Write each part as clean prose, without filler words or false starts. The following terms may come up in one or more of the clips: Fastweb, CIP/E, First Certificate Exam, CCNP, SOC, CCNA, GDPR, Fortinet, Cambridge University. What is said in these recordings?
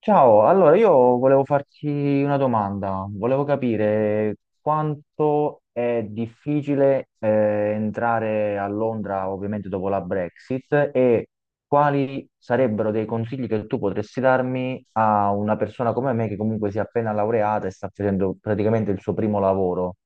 Ciao, allora io volevo farti una domanda, volevo capire quanto è difficile entrare a Londra ovviamente dopo la Brexit e quali sarebbero dei consigli che tu potresti darmi a una persona come me che comunque si è appena laureata e sta facendo praticamente il suo primo lavoro.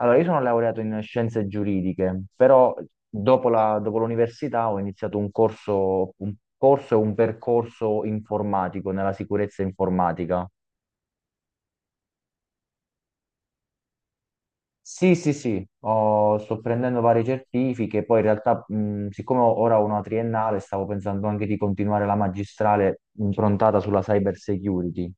Allora, io sono laureato in scienze giuridiche, però dopo l'università ho iniziato un corso e un percorso informatico nella sicurezza informatica. Sì, sì, sì, sto prendendo varie certifiche, poi in realtà, siccome ora ho una triennale, stavo pensando anche di continuare la magistrale improntata sulla cyber security.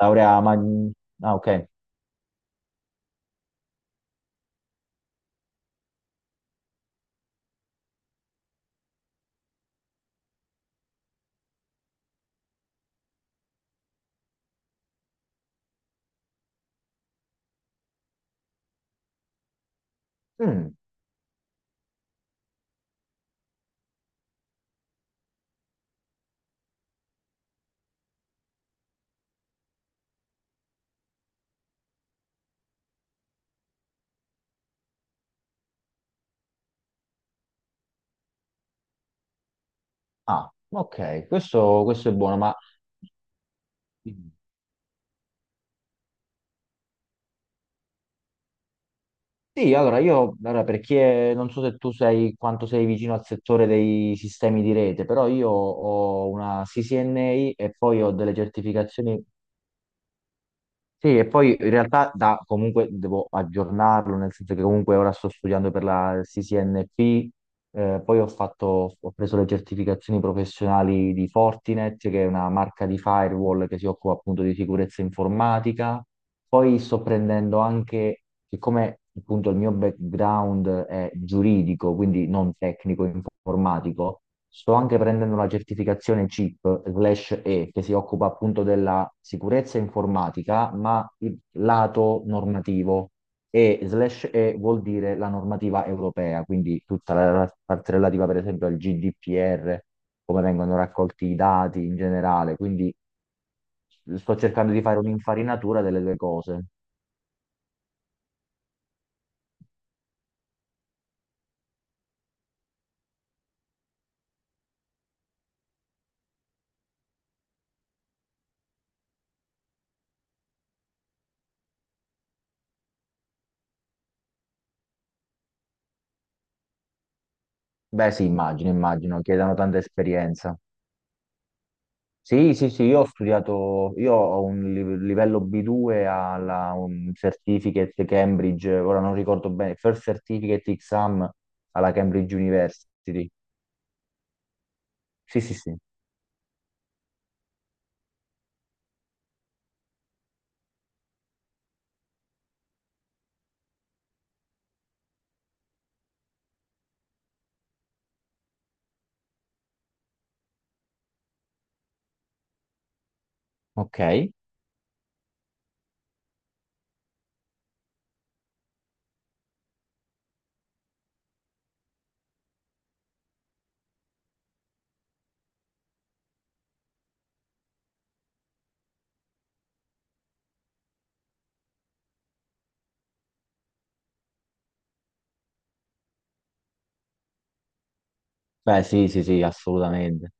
Laurea, ma... Ah, ok. Mm, ah, ok, questo è buono, ma... Sì, allora io, allora, perché non so se tu sei quanto sei vicino al settore dei sistemi di rete, però io ho una CCNA e poi ho delle certificazioni. Sì, e poi in realtà comunque devo aggiornarlo, nel senso che comunque ora sto studiando per la CCNP , poi ho preso le certificazioni professionali di Fortinet, che è una marca di firewall che si occupa appunto di sicurezza informatica. Poi sto prendendo anche, siccome appunto il mio background è giuridico, quindi non tecnico informatico, sto anche prendendo la certificazione CIP/E, che si occupa appunto della sicurezza informatica, ma il lato normativo e slash E vuol dire la normativa europea, quindi tutta la parte relativa per esempio al GDPR, come vengono raccolti i dati in generale, quindi sto cercando di fare un'infarinatura delle due cose. Beh sì, immagino, immagino, chiedano tanta esperienza. Sì, sì, sì, io ho studiato, io ho un livello B2 alla un certificate Cambridge, ora non ricordo bene, First Certificate Exam alla Cambridge University. Sì, sì, sì. Ok. Beh, sì, sì, sì, assolutamente.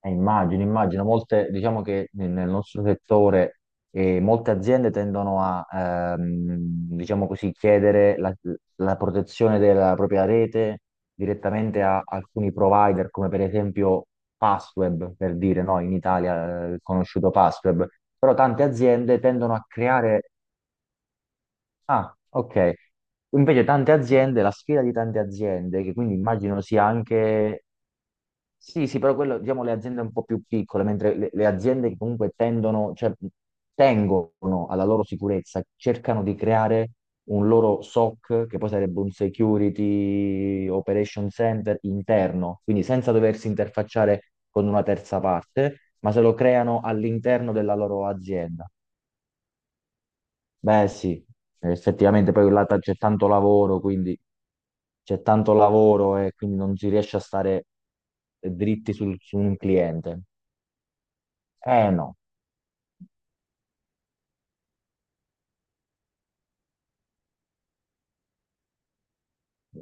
Immagino, immagino, molte, diciamo che nel nostro settore, molte aziende tendono a, ehm, diciamo così, chiedere la protezione della propria rete direttamente a alcuni provider, come per esempio Fastweb, per dire, no, in Italia, è conosciuto Fastweb, però tante aziende tendono a creare... Ah, ok. Invece tante aziende, la sfida di tante aziende, che quindi immagino sia anche. Sì, sì, però quello, diciamo, le aziende un po' più piccole, mentre le aziende che comunque tendono, cioè, tengono alla loro sicurezza, cercano di creare un loro SOC, che poi sarebbe un Security Operation Center interno, quindi senza doversi interfacciare con una terza parte, ma se lo creano all'interno della loro azienda. Beh, sì, effettivamente poi là c'è tanto lavoro, quindi c'è tanto lavoro e quindi non si riesce a stare dritti su un cliente. Eh no,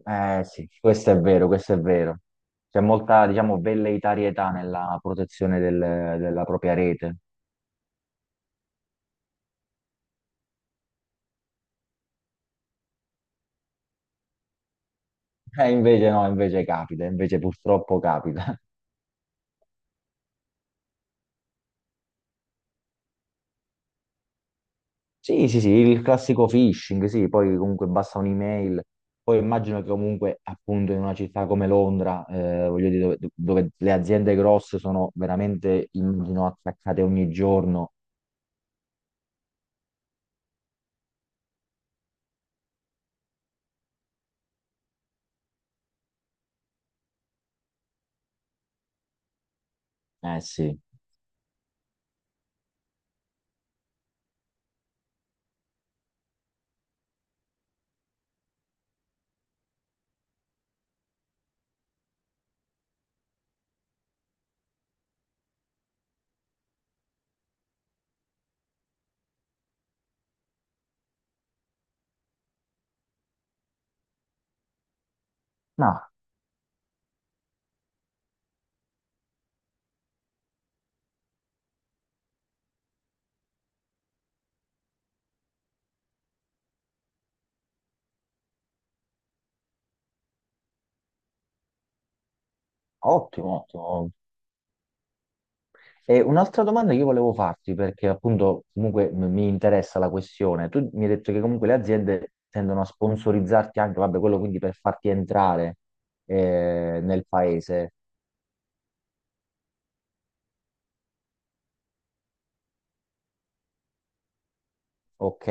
eh sì, questo è vero, questo è vero. C'è molta, diciamo, velleitarietà nella protezione della propria rete. Invece no, invece capita, invece purtroppo capita. Sì, sì, sì, il classico phishing, sì, poi comunque basta un'email. Poi immagino che comunque appunto in una città come Londra, voglio dire, dove le aziende grosse sono veramente, immagino, attaccate ogni giorno. Eh sì. No, ottimo, ottimo. E un'altra domanda che io volevo farti, perché appunto comunque mi interessa la questione. Tu mi hai detto che comunque le aziende tendono a sponsorizzarti anche, vabbè, quello quindi per farti entrare, nel paese. Ok.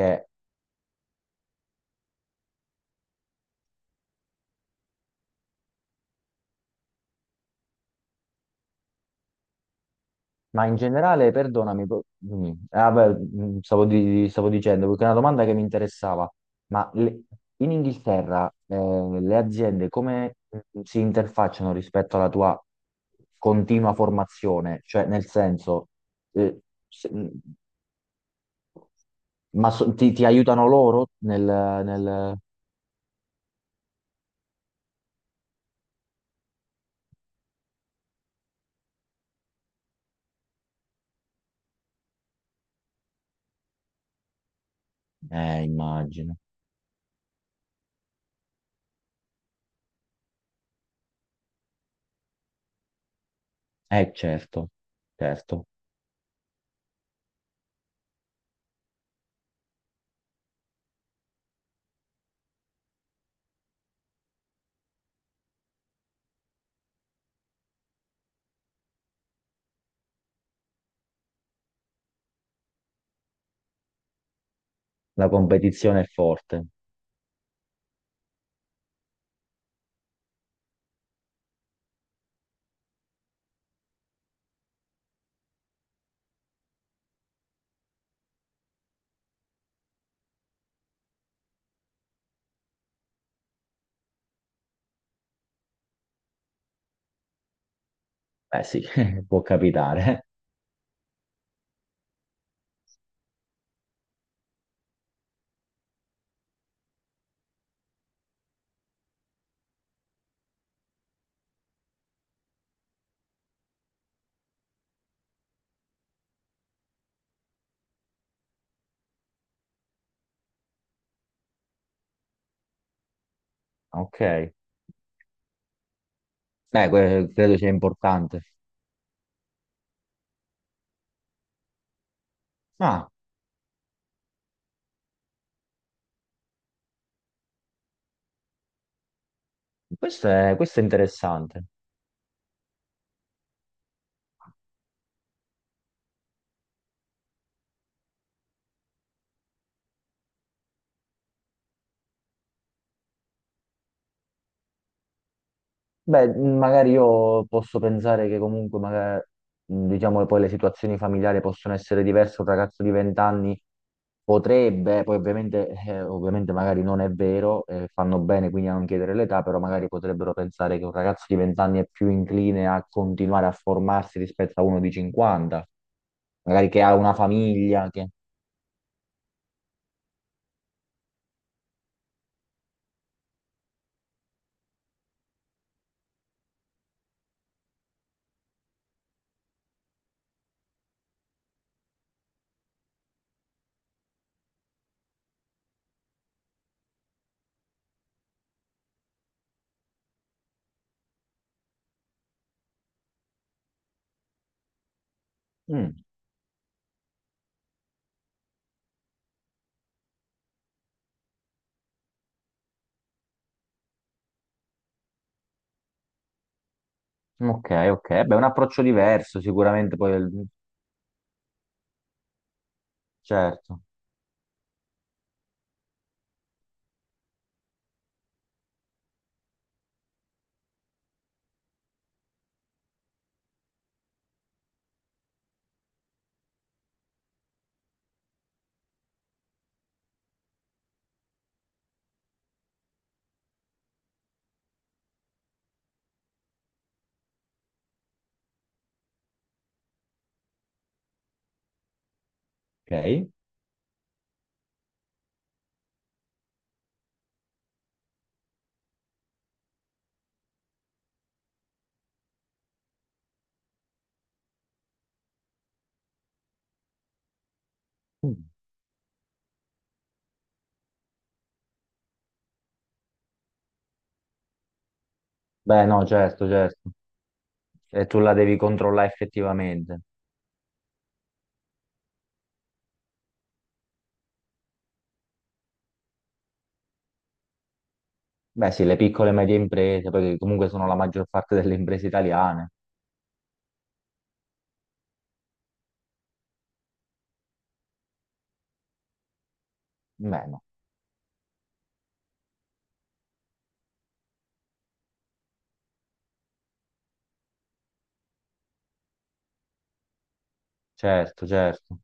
Ma in generale, perdonami, ah, beh, stavo dicendo, perché è una domanda che mi interessava, ma in Inghilterra, le aziende come si interfacciano rispetto alla tua continua formazione? Cioè, nel senso, eh, se- mm, ma ti aiutano loro. Immagino. Certo, certo, la competizione è forte. Beh sì, può capitare. Ok. Credo sia importante. Ah, questo è interessante. Beh, magari io posso pensare che comunque, magari, diciamo che poi le situazioni familiari possono essere diverse. Un ragazzo di 20 anni potrebbe, poi ovviamente magari non è vero, fanno bene quindi a non chiedere l'età, però magari potrebbero pensare che un ragazzo di 20 anni è più incline a continuare a formarsi rispetto a uno di 50, magari che ha una famiglia, che... Mm. Ok, ok, beh, un approccio diverso sicuramente poi, certo. Ok? Mm. Beh, no, certo, certo. E tu la devi controllare effettivamente. Beh, sì, le piccole e medie imprese, perché comunque sono la maggior parte delle imprese italiane. Beh, no, certo, certo.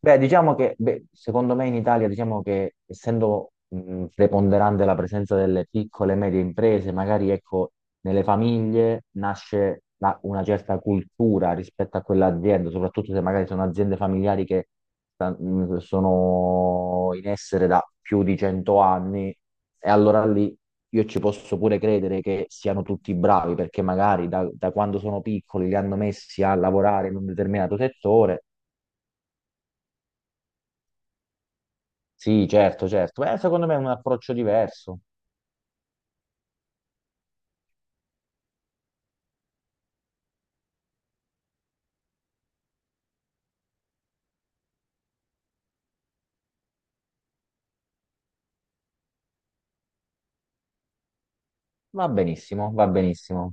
Beh, diciamo che, beh, secondo me in Italia, diciamo che essendo preponderante la presenza delle piccole e medie imprese, magari ecco, nelle famiglie nasce una certa cultura rispetto a quell'azienda, soprattutto se magari sono aziende familiari che sono in essere da più di 100 anni, e allora lì io ci posso pure credere che siano tutti bravi, perché magari da quando sono piccoli li hanno messi a lavorare in un determinato settore. Sì, certo, certo. Beh, secondo me è un approccio diverso. Va benissimo, va benissimo.